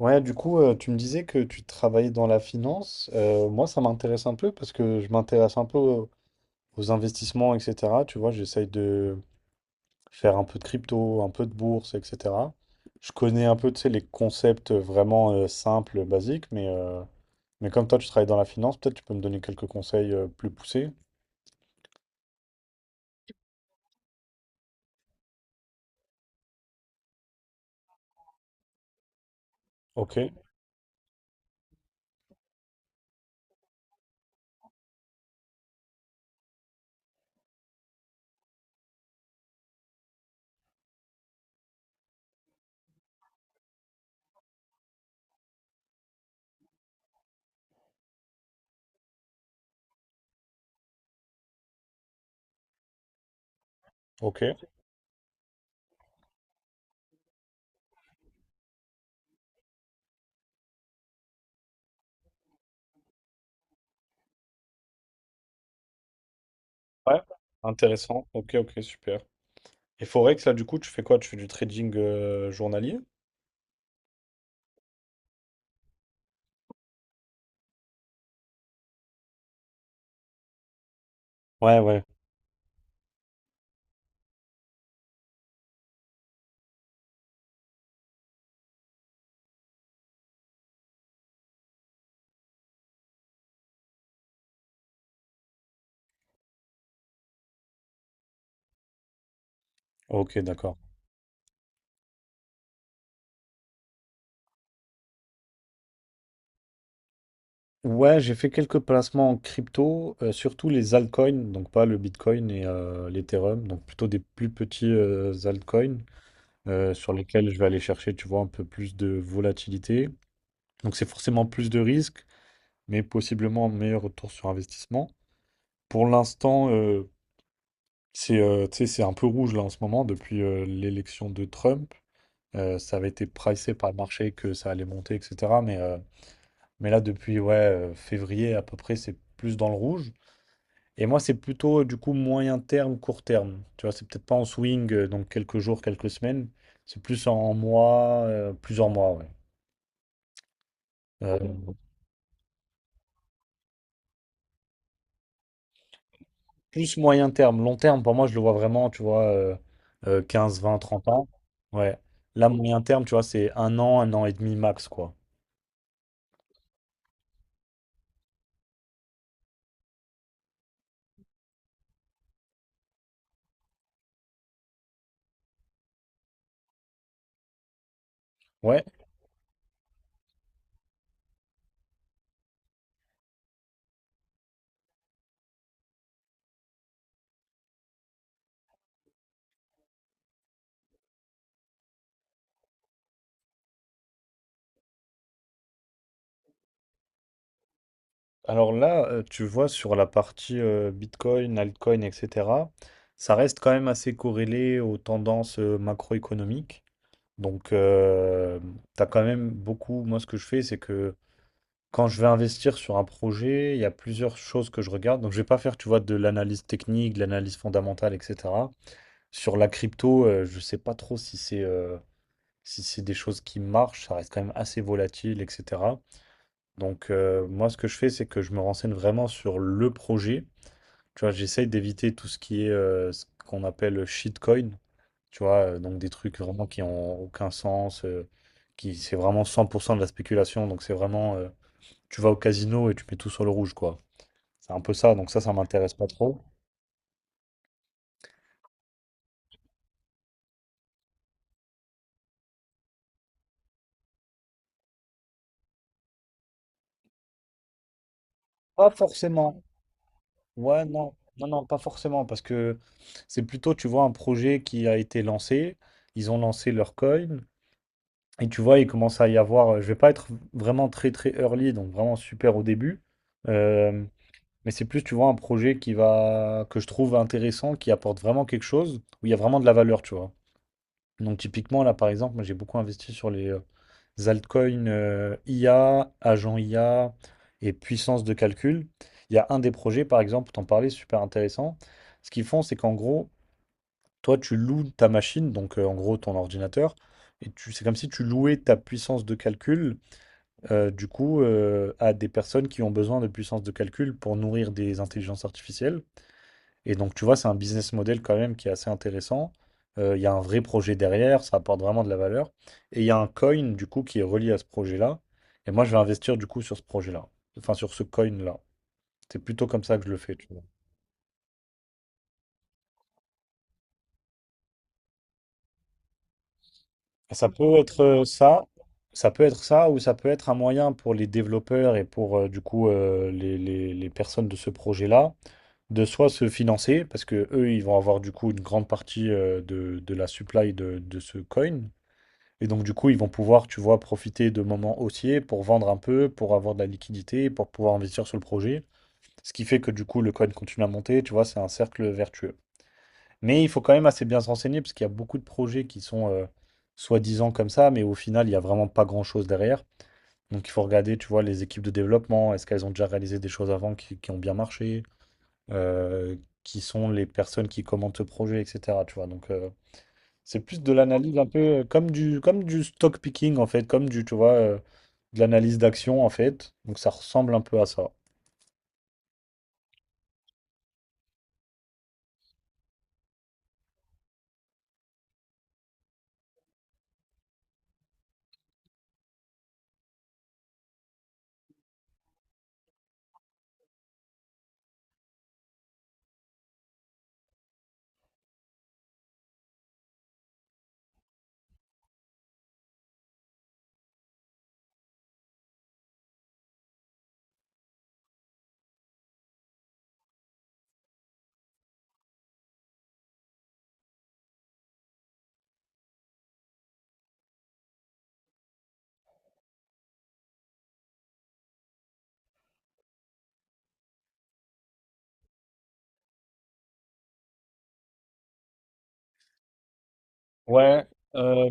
Ouais, du coup, tu me disais que tu travaillais dans la finance. Moi, ça m'intéresse un peu parce que je m'intéresse un peu aux investissements, etc. Tu vois, j'essaye de faire un peu de crypto, un peu de bourse, etc. Je connais un peu, tu sais, les concepts vraiment simples, basiques, mais comme toi, tu travailles dans la finance, peut-être tu peux me donner quelques conseils plus poussés. Ok, ok. Ouais, intéressant. Ok, ok, super. Et Forex, là, du coup, tu fais quoi? Tu fais du trading journalier? Ouais, ouais. Ok, d'accord. Ouais, j'ai fait quelques placements en crypto, surtout les altcoins, donc pas le Bitcoin et l'Ethereum, donc plutôt des plus petits altcoins sur lesquels je vais aller chercher, tu vois, un peu plus de volatilité. Donc c'est forcément plus de risques, mais possiblement un meilleur retour sur investissement. Pour l'instant, c'est tu sais, c'est un peu rouge là en ce moment depuis l'élection de Trump. Ça avait été pricé par le marché que ça allait monter, etc. Mais là, depuis ouais, février à peu près, c'est plus dans le rouge. Et moi, c'est plutôt du coup moyen terme, court terme. Tu vois, c'est peut-être pas en swing, donc quelques jours, quelques semaines. C'est plus en mois, plusieurs mois, ouais. Euh, plus moyen terme. Long terme, pour moi, je le vois vraiment, tu vois, 15, 20, 30 ans. Ouais. Là, moyen terme, tu vois, c'est un an et demi max, quoi. Ouais. Alors là, tu vois, sur la partie Bitcoin, altcoin, etc., ça reste quand même assez corrélé aux tendances macroéconomiques. Donc, t'as quand même beaucoup. Moi, ce que je fais, c'est que quand je vais investir sur un projet, il y a plusieurs choses que je regarde. Donc, je vais pas faire, tu vois, de l'analyse technique, de l'analyse fondamentale, etc. Sur la crypto, je sais pas trop si c'est si c'est des choses qui marchent. Ça reste quand même assez volatile, etc. Donc, moi, ce que je fais, c'est que je me renseigne vraiment sur le projet. Tu vois, j'essaye d'éviter tout ce qui est ce qu'on appelle shitcoin. Tu vois, donc des trucs vraiment qui ont aucun sens, qui c'est vraiment 100% de la spéculation. Donc c'est vraiment, tu vas au casino et tu mets tout sur le rouge, quoi. C'est un peu ça. Donc ça m'intéresse pas trop. Pas forcément. Ouais, non, non, non, pas forcément, parce que c'est plutôt, tu vois, un projet qui a été lancé. Ils ont lancé leur coin et tu vois, il commence à y avoir. Je vais pas être vraiment très très early, donc vraiment super au début. Euh, Mais c'est plus, tu vois, un projet qui va que je trouve intéressant, qui apporte vraiment quelque chose, où il y a vraiment de la valeur, tu vois. Donc typiquement, là, par exemple, moi j'ai beaucoup investi sur les altcoins IA, agent IA et puissance de calcul. Il y a un des projets, par exemple, t'en parlais, super intéressant. Ce qu'ils font, c'est qu'en gros, toi, tu loues ta machine, donc en gros ton ordinateur, et c'est comme si tu louais ta puissance de calcul, à des personnes qui ont besoin de puissance de calcul pour nourrir des intelligences artificielles. Et donc, tu vois, c'est un business model quand même qui est assez intéressant. Il y a un vrai projet derrière, ça apporte vraiment de la valeur. Et il y a un coin, du coup, qui est relié à ce projet-là. Et moi, je vais investir, du coup, sur ce projet-là. Enfin, sur ce coin-là. C'est plutôt comme ça que je le fais, tu vois. Ça peut être ça peut être ça, ou ça peut être un moyen pour les développeurs et pour, les personnes de ce projet-là de soit se financer, parce que eux, ils vont avoir, du coup, une grande partie de la supply de ce coin. Et donc, du coup, ils vont pouvoir, tu vois, profiter de moments haussiers pour vendre un peu, pour avoir de la liquidité, pour pouvoir investir sur le projet. Ce qui fait que, du coup, le coin continue à monter, tu vois, c'est un cercle vertueux. Mais il faut quand même assez bien se renseigner parce qu'il y a beaucoup de projets qui sont soi-disant comme ça, mais au final, il n'y a vraiment pas grand-chose derrière. Donc, il faut regarder, tu vois, les équipes de développement, est-ce qu'elles ont déjà réalisé des choses avant qui ont bien marché, Euh, qui sont les personnes qui commentent ce projet, etc. Tu vois, donc c'est plus de l'analyse un peu comme du stock picking en fait, comme du, tu vois, de l'analyse d'action en fait. Donc ça ressemble un peu à ça. Ouais, euh,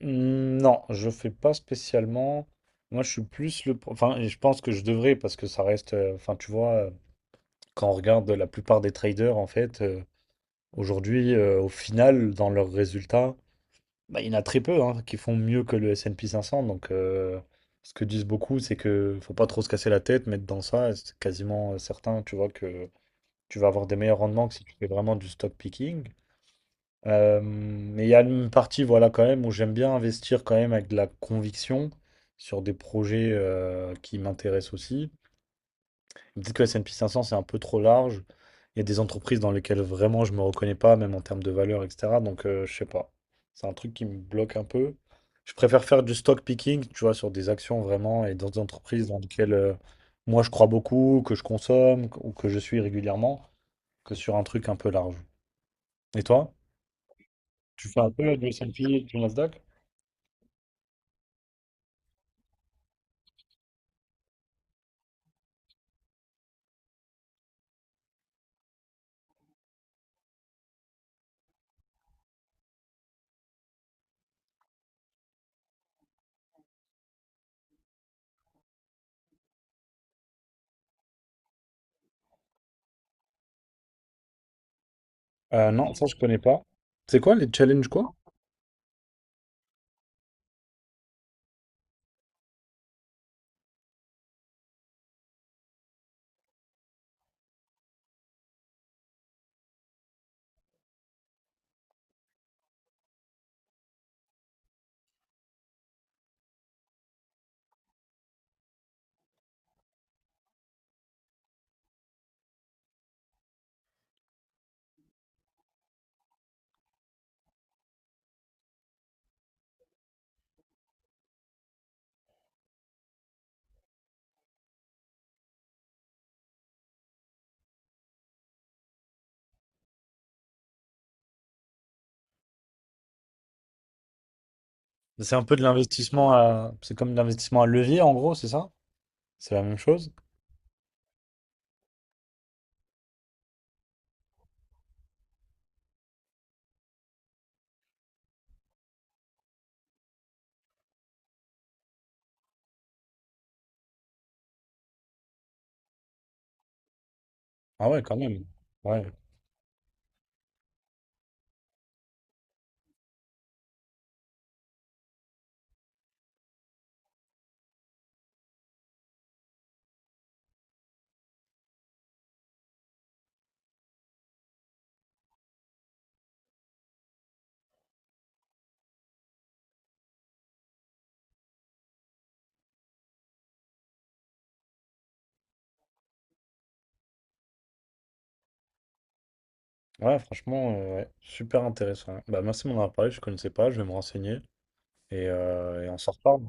non, je fais pas spécialement. Moi, je suis plus enfin, et je pense que je devrais parce que ça reste. Enfin, tu vois, quand on regarde la plupart des traders en fait, aujourd'hui, au final, dans leurs résultats, bah, il y en a très peu hein, qui font mieux que le S&P 500. Donc, ce que disent beaucoup, c'est que faut pas trop se casser la tête, mettre dans ça. Et c'est quasiment certain, tu vois, que tu vas avoir des meilleurs rendements que si tu fais vraiment du stock picking. Mais il y a une partie, voilà, quand même, où j'aime bien investir quand même avec de la conviction sur des projets qui m'intéressent aussi. Peut-être que le S&P 500, c'est un peu trop large. Il y a des entreprises dans lesquelles vraiment je me reconnais pas, même en termes de valeur, etc. Donc, je sais pas. C'est un truc qui me bloque un peu. Je préfère faire du stock picking, tu vois, sur des actions vraiment et dans des entreprises dans lesquelles moi je crois beaucoup, que je consomme ou que je suis régulièrement, que sur un truc un peu large. Et toi? Tu fais un peu du S&P, du Nasdaq? Non, ça je connais pas. C'est quoi les challenges quoi? C'est un peu de l'investissement à... C'est comme de l'investissement à levier en gros, c'est ça? C'est la même chose? Ah ouais, quand même. Ouais, ouais, franchement, ouais. Super intéressant. Bah merci de m'en avoir parlé, je connaissais pas, je vais me renseigner et on s'en reparle.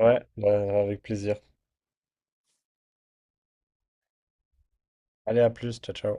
Ouais, bah, avec plaisir. Allez, à plus, ciao, ciao.